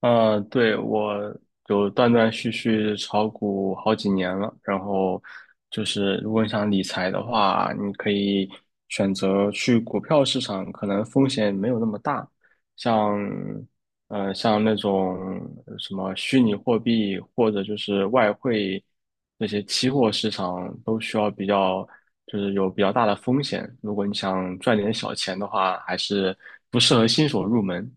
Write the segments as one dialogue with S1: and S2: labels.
S1: 对，我有断断续续炒股好几年了，然后就是如果你想理财的话，你可以选择去股票市场，可能风险没有那么大，像像那种什么虚拟货币或者就是外汇这些期货市场都需要就是有比较大的风险，如果你想赚点小钱的话，还是不适合新手入门。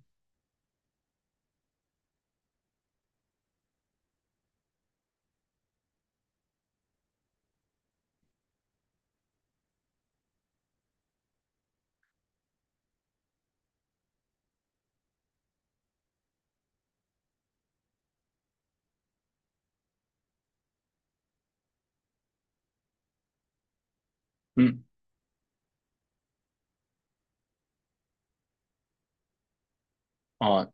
S1: 嗯，哦。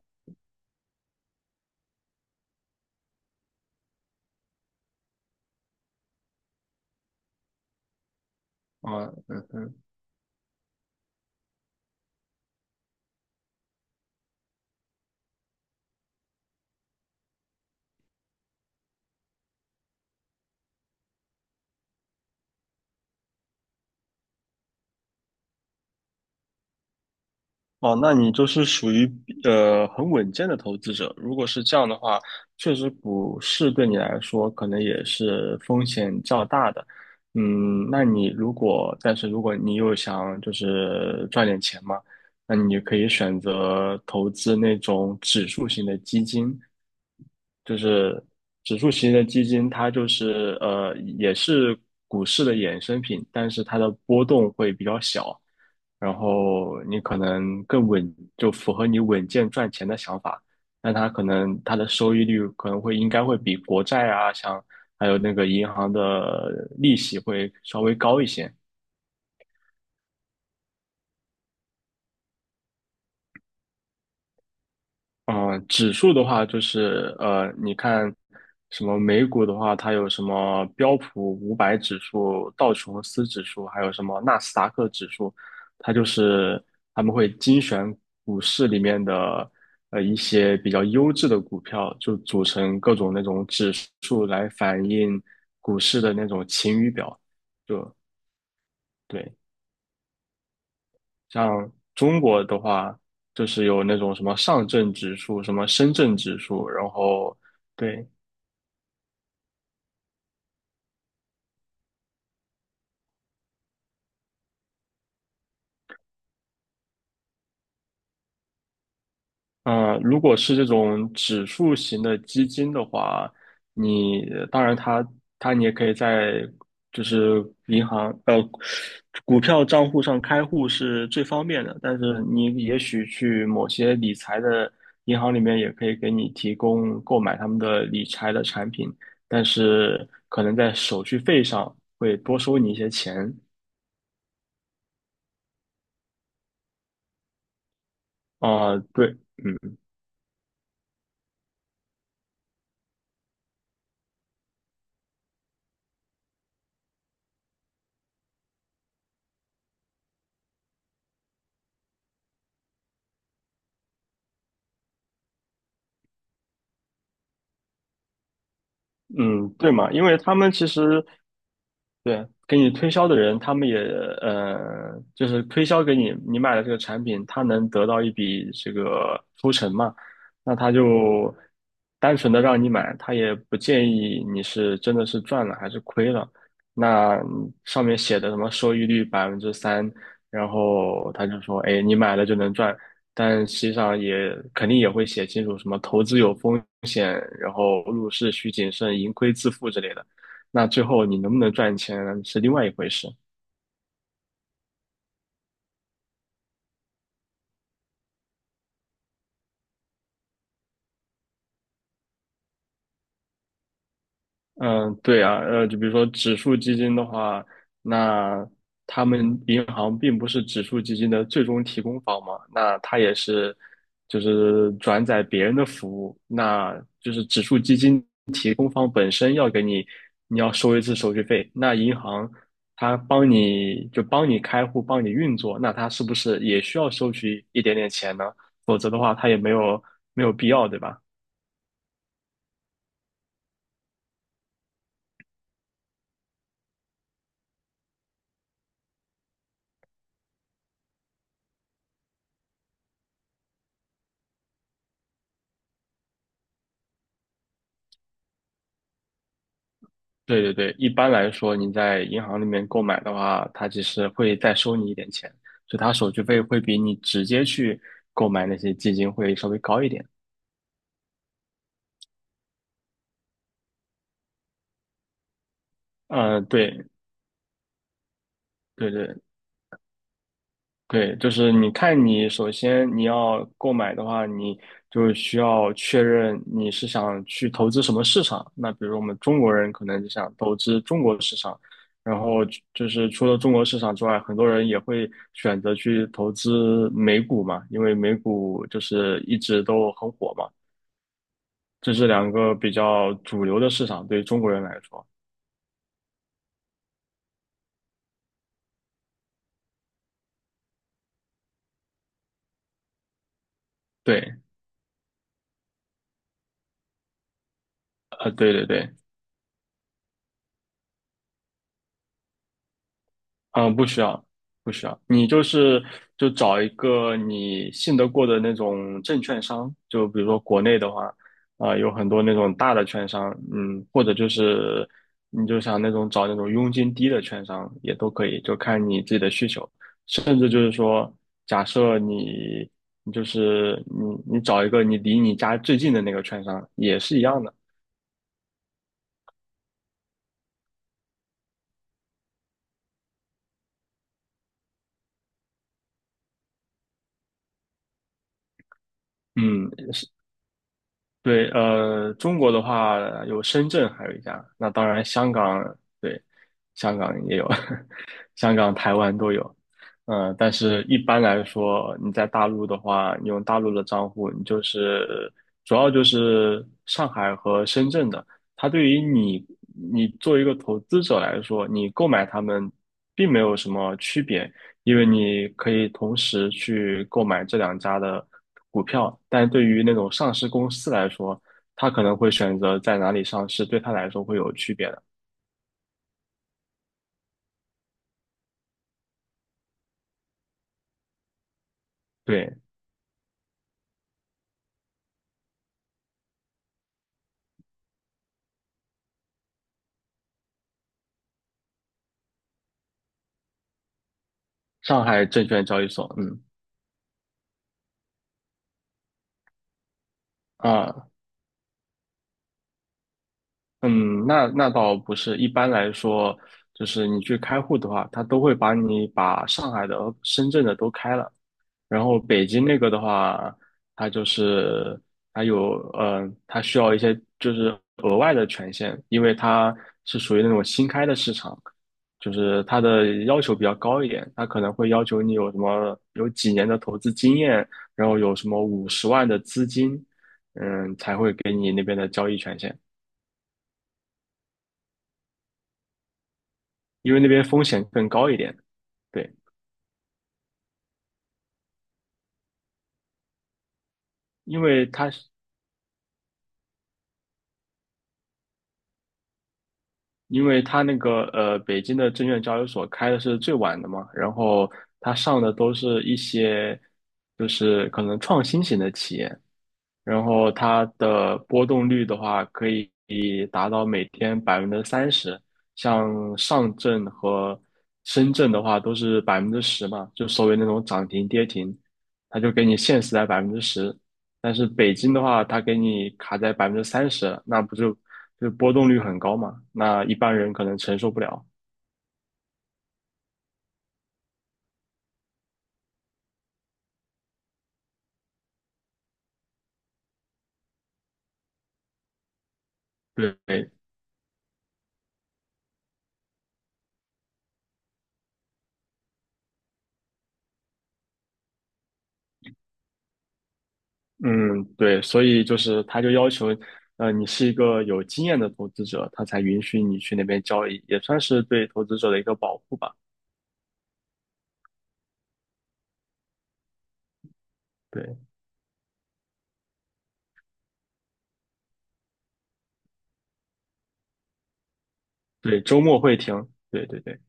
S1: 哦，哦，那你就是属于很稳健的投资者。如果是这样的话，确实股市对你来说可能也是风险较大的。嗯，那你如果，但是如果你又想就是赚点钱嘛，那你就可以选择投资那种指数型的基金，就是指数型的基金，它就是也是股市的衍生品，但是它的波动会比较小，然后你可能更稳，就符合你稳健赚钱的想法。那它可能它的收益率可能会应该会比国债啊，像还有那个银行的利息会稍微高一些。嗯，指数的话就是你看什么美股的话，它有什么标普500指数、道琼斯指数，还有什么纳斯达克指数，它就是他们会精选股市里面的一些比较优质的股票，就组成各种那种指数来反映股市的那种晴雨表，就对。像中国的话，就是有那种什么上证指数、什么深圳指数，然后对，嗯，如果是这种指数型的基金的话，你当然它你也可以在就是银行股票账户上开户是最方便的，但是你也许去某些理财的银行里面也可以给你提供购买他们的理财的产品，但是可能在手续费上会多收你一些钱啊，对。嗯，嗯对嘛，因为他们其实对，给你推销的人，他们也就是推销给你你买了这个产品，他能得到一笔这个抽成嘛？那他就单纯的让你买，他也不建议你是真的是赚了还是亏了。那上面写的什么收益率百分之三，然后他就说，哎，你买了就能赚，但实际上也肯定也会写清楚什么投资有风险，然后入市需谨慎，盈亏自负之类的。那最后你能不能赚钱是另外一回事。嗯，对啊，就比如说指数基金的话，那他们银行并不是指数基金的最终提供方嘛，那它也是就是转载别人的服务，那就是指数基金提供方本身要给你，你要收一次手续费，那银行它帮你就帮你开户，帮你运作，那它是不是也需要收取一点点钱呢？否则的话，它也没有必要，对吧？对对对，一般来说，你在银行里面购买的话，它其实会再收你一点钱，所以它手续费会比你直接去购买那些基金会稍微高一点。嗯、对对对，对，就是你看，你首先你要购买的话，你就需要确认你是想去投资什么市场。那比如我们中国人可能就想投资中国市场，然后就是除了中国市场之外，很多人也会选择去投资美股嘛，因为美股就是一直都很火嘛，这是两个比较主流的市场，对于中国人来说。对，对对对。嗯，不需要，不需要。你就是就找一个你信得过的那种证券商，就比如说国内的话，啊、有很多那种大的券商，嗯，或者就是你就想那种找那种佣金低的券商也都可以，就看你自己的需求。甚至就是说，假设你就是你找一个你离你家最近的那个券商也是一样的，嗯，对，中国的话有深圳，还有一家。那当然，香港，对，香港也有，香港、台湾都有。嗯、但是一般来说，你在大陆的话，你用大陆的账户，你就是主要就是上海和深圳的。它对于你，你作为一个投资者来说，你购买它们并没有什么区别，因为你可以同时去购买这两家的股票，但对于那种上市公司来说，他可能会选择在哪里上市，对他来说会有区别的。对，上海证券交易所，嗯啊，嗯，那倒不是，一般来说，就是你去开户的话，他都会把你把上海的和深圳的都开了。然后北京那个的话，它就是它有它需要一些就是额外的权限，因为它是属于那种新开的市场，就是它的要求比较高一点，它可能会要求你有什么有几年的投资经验，然后有什么50万的资金，嗯，才会给你那边的交易权限，因为那边风险更高一点。对，因为它因为他那个北京的证券交易所开的是最晚的嘛，然后他上的都是一些就是可能创新型的企业，然后它的波动率的话，可以达到每天百分之三十。像上证和深圳的话，都是百分之十嘛，就所谓那种涨停跌停，它就给你限时在百分之十。但是北京的话，它给你卡在百分之三十，那不就波动率很高嘛？那一般人可能承受不了。对，嗯，对，所以就是他就要求，你是一个有经验的投资者，他才允许你去那边交易，也算是对投资者的一个保护吧。对对，周末会停。对对对，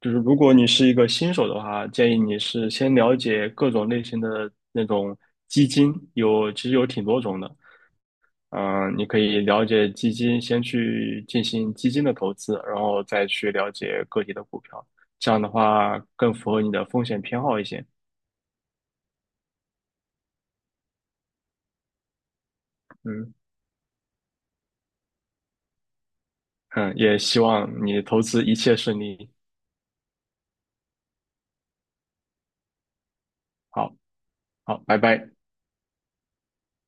S1: 就是如果你是一个新手的话，建议你是先了解各种类型的那种基金，有其实有挺多种的。嗯、你可以了解基金，先去进行基金的投资，然后再去了解个体的股票，这样的话更符合你的风险偏好一些。嗯。嗯，也希望你投资一切顺利。好，好，拜拜。